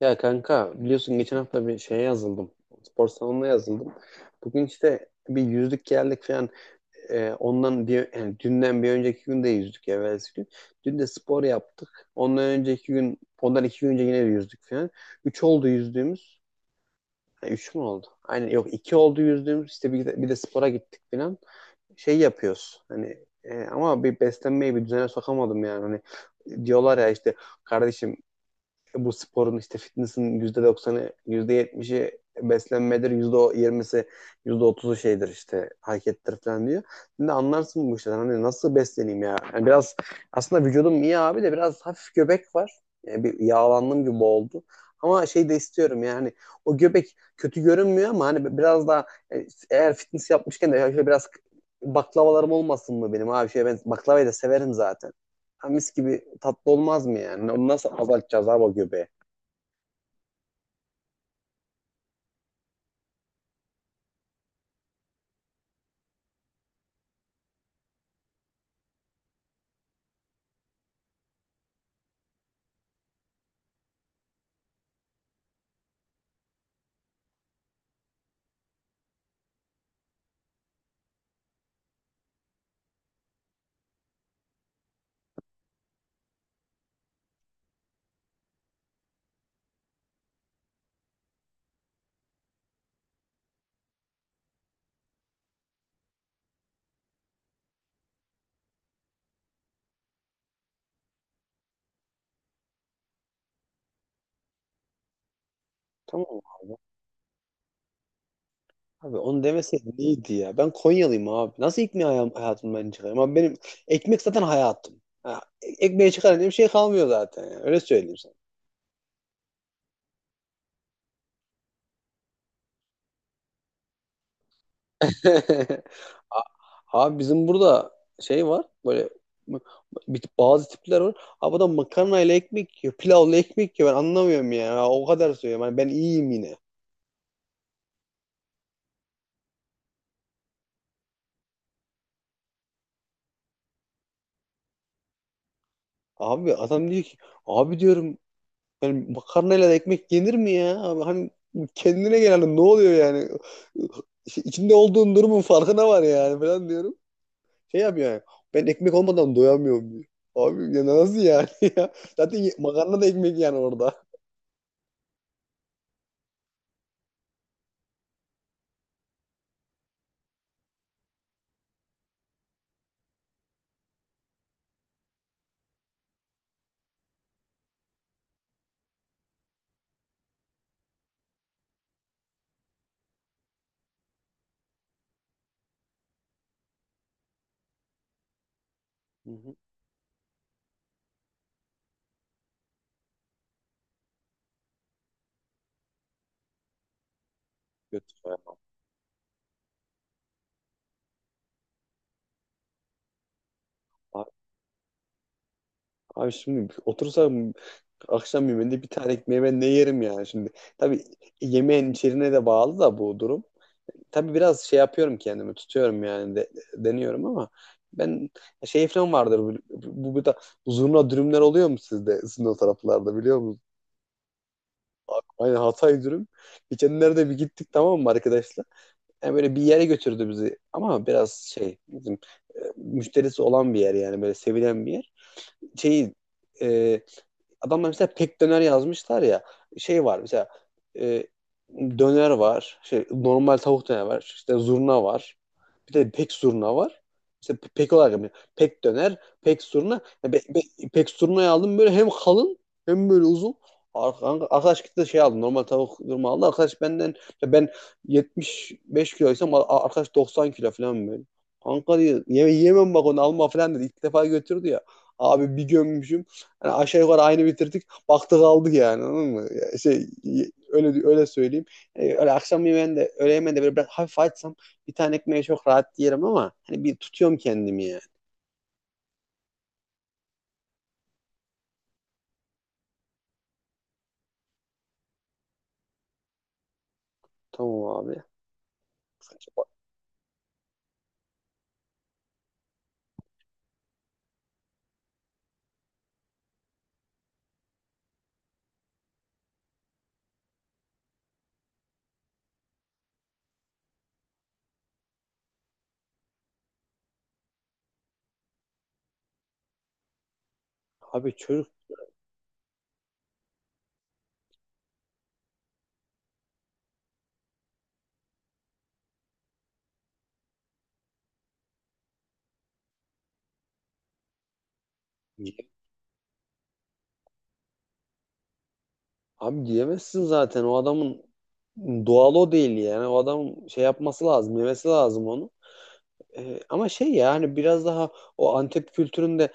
Ya kanka biliyorsun geçen hafta bir şeye yazıldım. Spor salonuna yazıldım. Bugün işte bir yüzdük geldik falan. Ondan bir yani dünden bir önceki gün de yüzdük evvelsi gün. Dün de spor yaptık. Ondan önceki gün ondan iki gün önce yine de yüzdük falan. Üç oldu yüzdüğümüz. Ha, üç mü oldu? Aynen yok iki oldu yüzdüğümüz. İşte bir de spora gittik falan. Şey yapıyoruz. Hani ama bir beslenmeyi bir düzene sokamadım yani. Hani diyorlar ya işte kardeşim bu sporun işte fitness'in yüzde doksanı yüzde yetmişi beslenmedir, yüzde yirmisi yüzde otuzu şeydir işte harekettir falan diyor. Şimdi anlarsın bu işten hani nasıl besleneyim ya. Yani biraz aslında vücudum iyi abi de biraz hafif göbek var. Yani bir yağlandım gibi oldu. Ama şey de istiyorum yani o göbek kötü görünmüyor ama hani biraz daha eğer fitness yapmışken de şöyle biraz baklavalarım olmasın mı benim abi şey ben baklavayı da severim zaten. Ha, mis gibi tatlı olmaz mı yani? Onu nasıl azaltacağız abi o göbeği? Tamam abi. Abi onu demeseydin iyiydi ya. Ben Konyalıyım abi. Nasıl ekmeği hayatım, hayatımdan ben çıkarayım? Abi benim ekmek zaten hayatım. Ha, ekmeği çıkarın diye bir şey kalmıyor zaten. Yani. Öyle söyleyeyim sana. A- Abi bizim burada şey var. Böyle m- bazı tipler var. Abi adam makarnayla ekmek yiyor. Pilavla ekmek yiyor. Ben anlamıyorum ya. O kadar söylüyorum. Hani ben iyiyim yine. Abi adam diyor ki abi diyorum. Yani makarnayla da ekmek yenir mi ya? Abi hani kendine gel hani ne oluyor yani? İşte İçinde olduğun durumun farkına var yani falan diyorum. Şey yapıyor yani. Ben ekmek olmadan doyamıyorum diyor. Abi ya nasıl yani ya? Zaten makarna da ekmek yani orada. Hı hı. Kötü ya. A- Abi şimdi otursam akşam yemeğinde bir tane ekmeği ben ne yerim yani şimdi. Tabii yemeğin içeriğine de bağlı da bu durum. Tabii biraz şey yapıyorum kendimi tutuyorum yani deniyorum ama ben şey falan vardır bu da zurna dürümler oluyor mu sizde sizin o taraflarda biliyor musunuz? Aynen Hatay dürüm. Geçenlerde bir gittik tamam mı arkadaşlar? Yani böyle bir yere götürdü bizi ama biraz şey bizim müşterisi olan bir yer yani böyle sevilen bir yer. Şeyi e, adamlar mesela pek döner yazmışlar ya. Şey var mesela e, döner var. Şey, normal tavuk döner var. İşte zurna var. Bir de pek zurna var. İşte pek olarak yapıyor. Pek döner, pek zurna. Ya pek zurnayı aldım böyle hem kalın hem böyle uzun. Ar- Arkadaş gitti de şey aldı. Normal tavuk zurna aldı. Arkadaş benden ben 75 kiloysam arkadaş 90 kilo falan böyle. Kanka diyor, yeme, yemem bak onu alma falan dedi. İlk defa götürdü ya. Abi bir gömmüşüm. Yani aşağı yukarı aynı bitirdik. Baktık aldık yani anladın mı? Ya şey, öyle öyle söyleyeyim. Öyle akşam yemeğinde, öğle yemeğinde böyle biraz hafif açsam bir tane ekmeği çok rahat yerim ama hani bir tutuyorum kendimi yani. Tamam abi. Abi çocuk abi diyemezsin zaten. O adamın doğal o değil yani. O adamın şey yapması lazım, yemesi lazım onu. Ama şey yani biraz daha o Antep kültüründe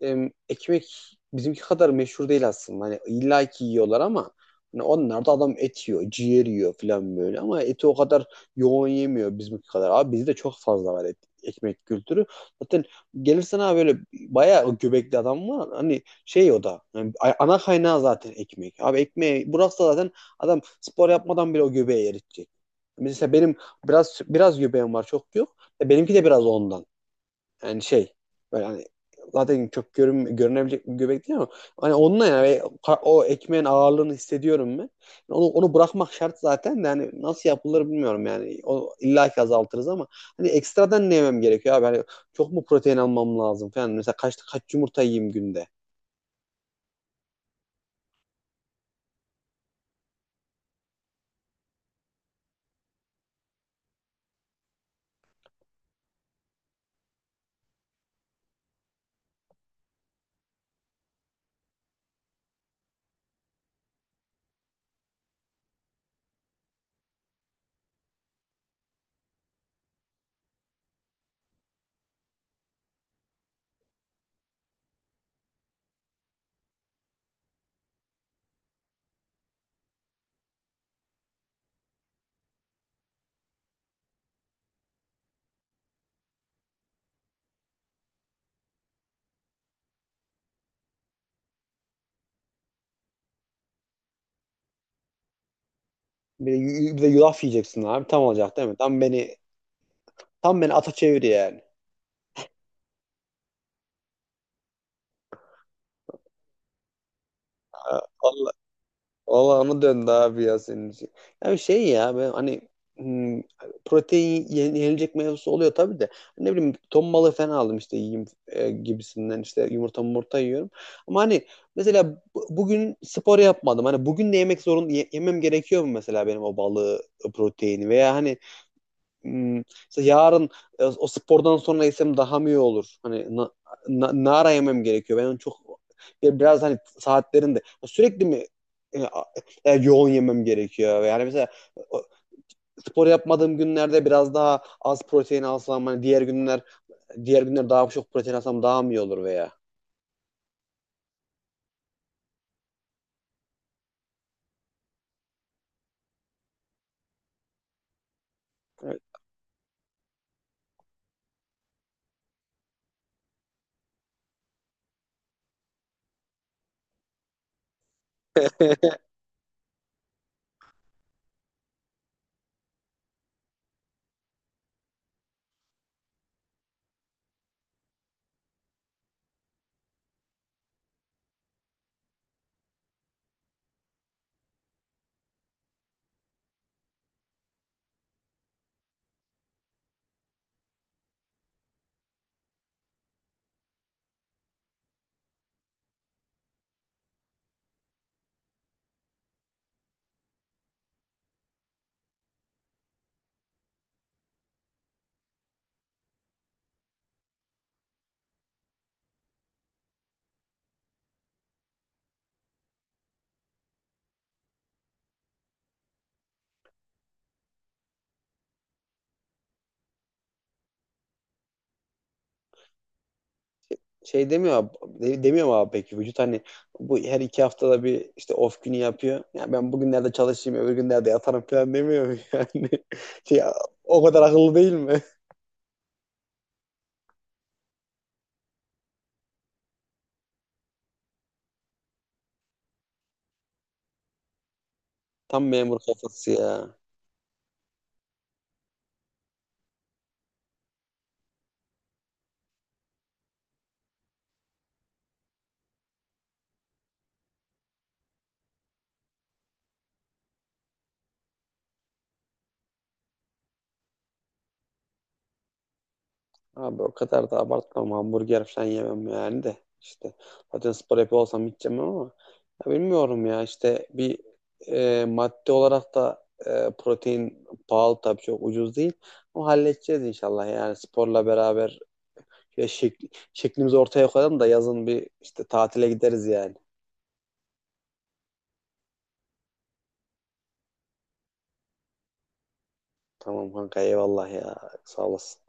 ekmek bizimki kadar meşhur değil aslında. Hani illa ki yiyorlar ama hani onlar da adam et yiyor, ciğer yiyor falan böyle ama eti o kadar yoğun yemiyor bizimki kadar. Abi bizde çok fazla var et, ekmek kültürü. Zaten gelirsen abi böyle bayağı göbekli adam var. Hani şey o da yani ana kaynağı zaten ekmek. Abi ekmeği bıraksa zaten adam spor yapmadan bile o göbeği eritecek. Mesela benim biraz biraz göbeğim var çok yok. Benimki de biraz ondan. Yani şey böyle hani zaten çok görünebilecek bir göbek değil ama hani onunla yani o ekmeğin ağırlığını hissediyorum ben. Yani onu bırakmak şart zaten de hani nasıl yapılır bilmiyorum yani. O, illa ki azaltırız ama hani ekstradan ne yemem gerekiyor abi? Hani çok mu protein almam lazım falan. Mesela kaç yumurta yiyeyim günde? Bir de, bir de yulaf yiyeceksin abi. Tam olacak değil mi? Tam beni ata çevir yani. Olağanı döndü abi ya senin için. Yani şey ya ben hani hmm, protein yenilecek mevzusu oluyor tabii de. Ne bileyim ton balığı falan aldım işte yiyeyim gibisinden işte yumurta yiyorum. Ama hani mesela bugün spor yapmadım. Hani bugün de yemek zorun yemem gerekiyor mu mesela benim o balığı proteini veya hani işte yarın o spordan sonra yesem daha mı iyi olur? Hani nara yemem gerekiyor. Ben onu çok ya biraz hani saatlerinde sürekli mi e, a- yoğun yemem gerekiyor? Yani mesela o- spor yapmadığım günlerde biraz daha az protein alsam hani diğer günler daha çok protein alsam daha mı iyi olur veya? Şey demiyor abi, demiyor mu abi peki vücut hani bu her iki haftada bir işte off günü yapıyor. Ya yani ben bugünlerde çalışayım öbür günlerde yatarım falan demiyor mu yani? Şey, o kadar akıllı değil mi? Tam memur kafası ya. Abi o kadar da abartmam hamburger falan yemem yani de İşte zaten spor yapıyor olsam hiç yemem ama ya bilmiyorum ya işte bir madde olarak da protein pahalı tabii çok ucuz değil. O halledeceğiz inşallah yani sporla beraber ya şeklimizi ortaya koyalım da yazın bir işte tatile gideriz yani. Tamam kanka eyvallah ya. Sağ olasın.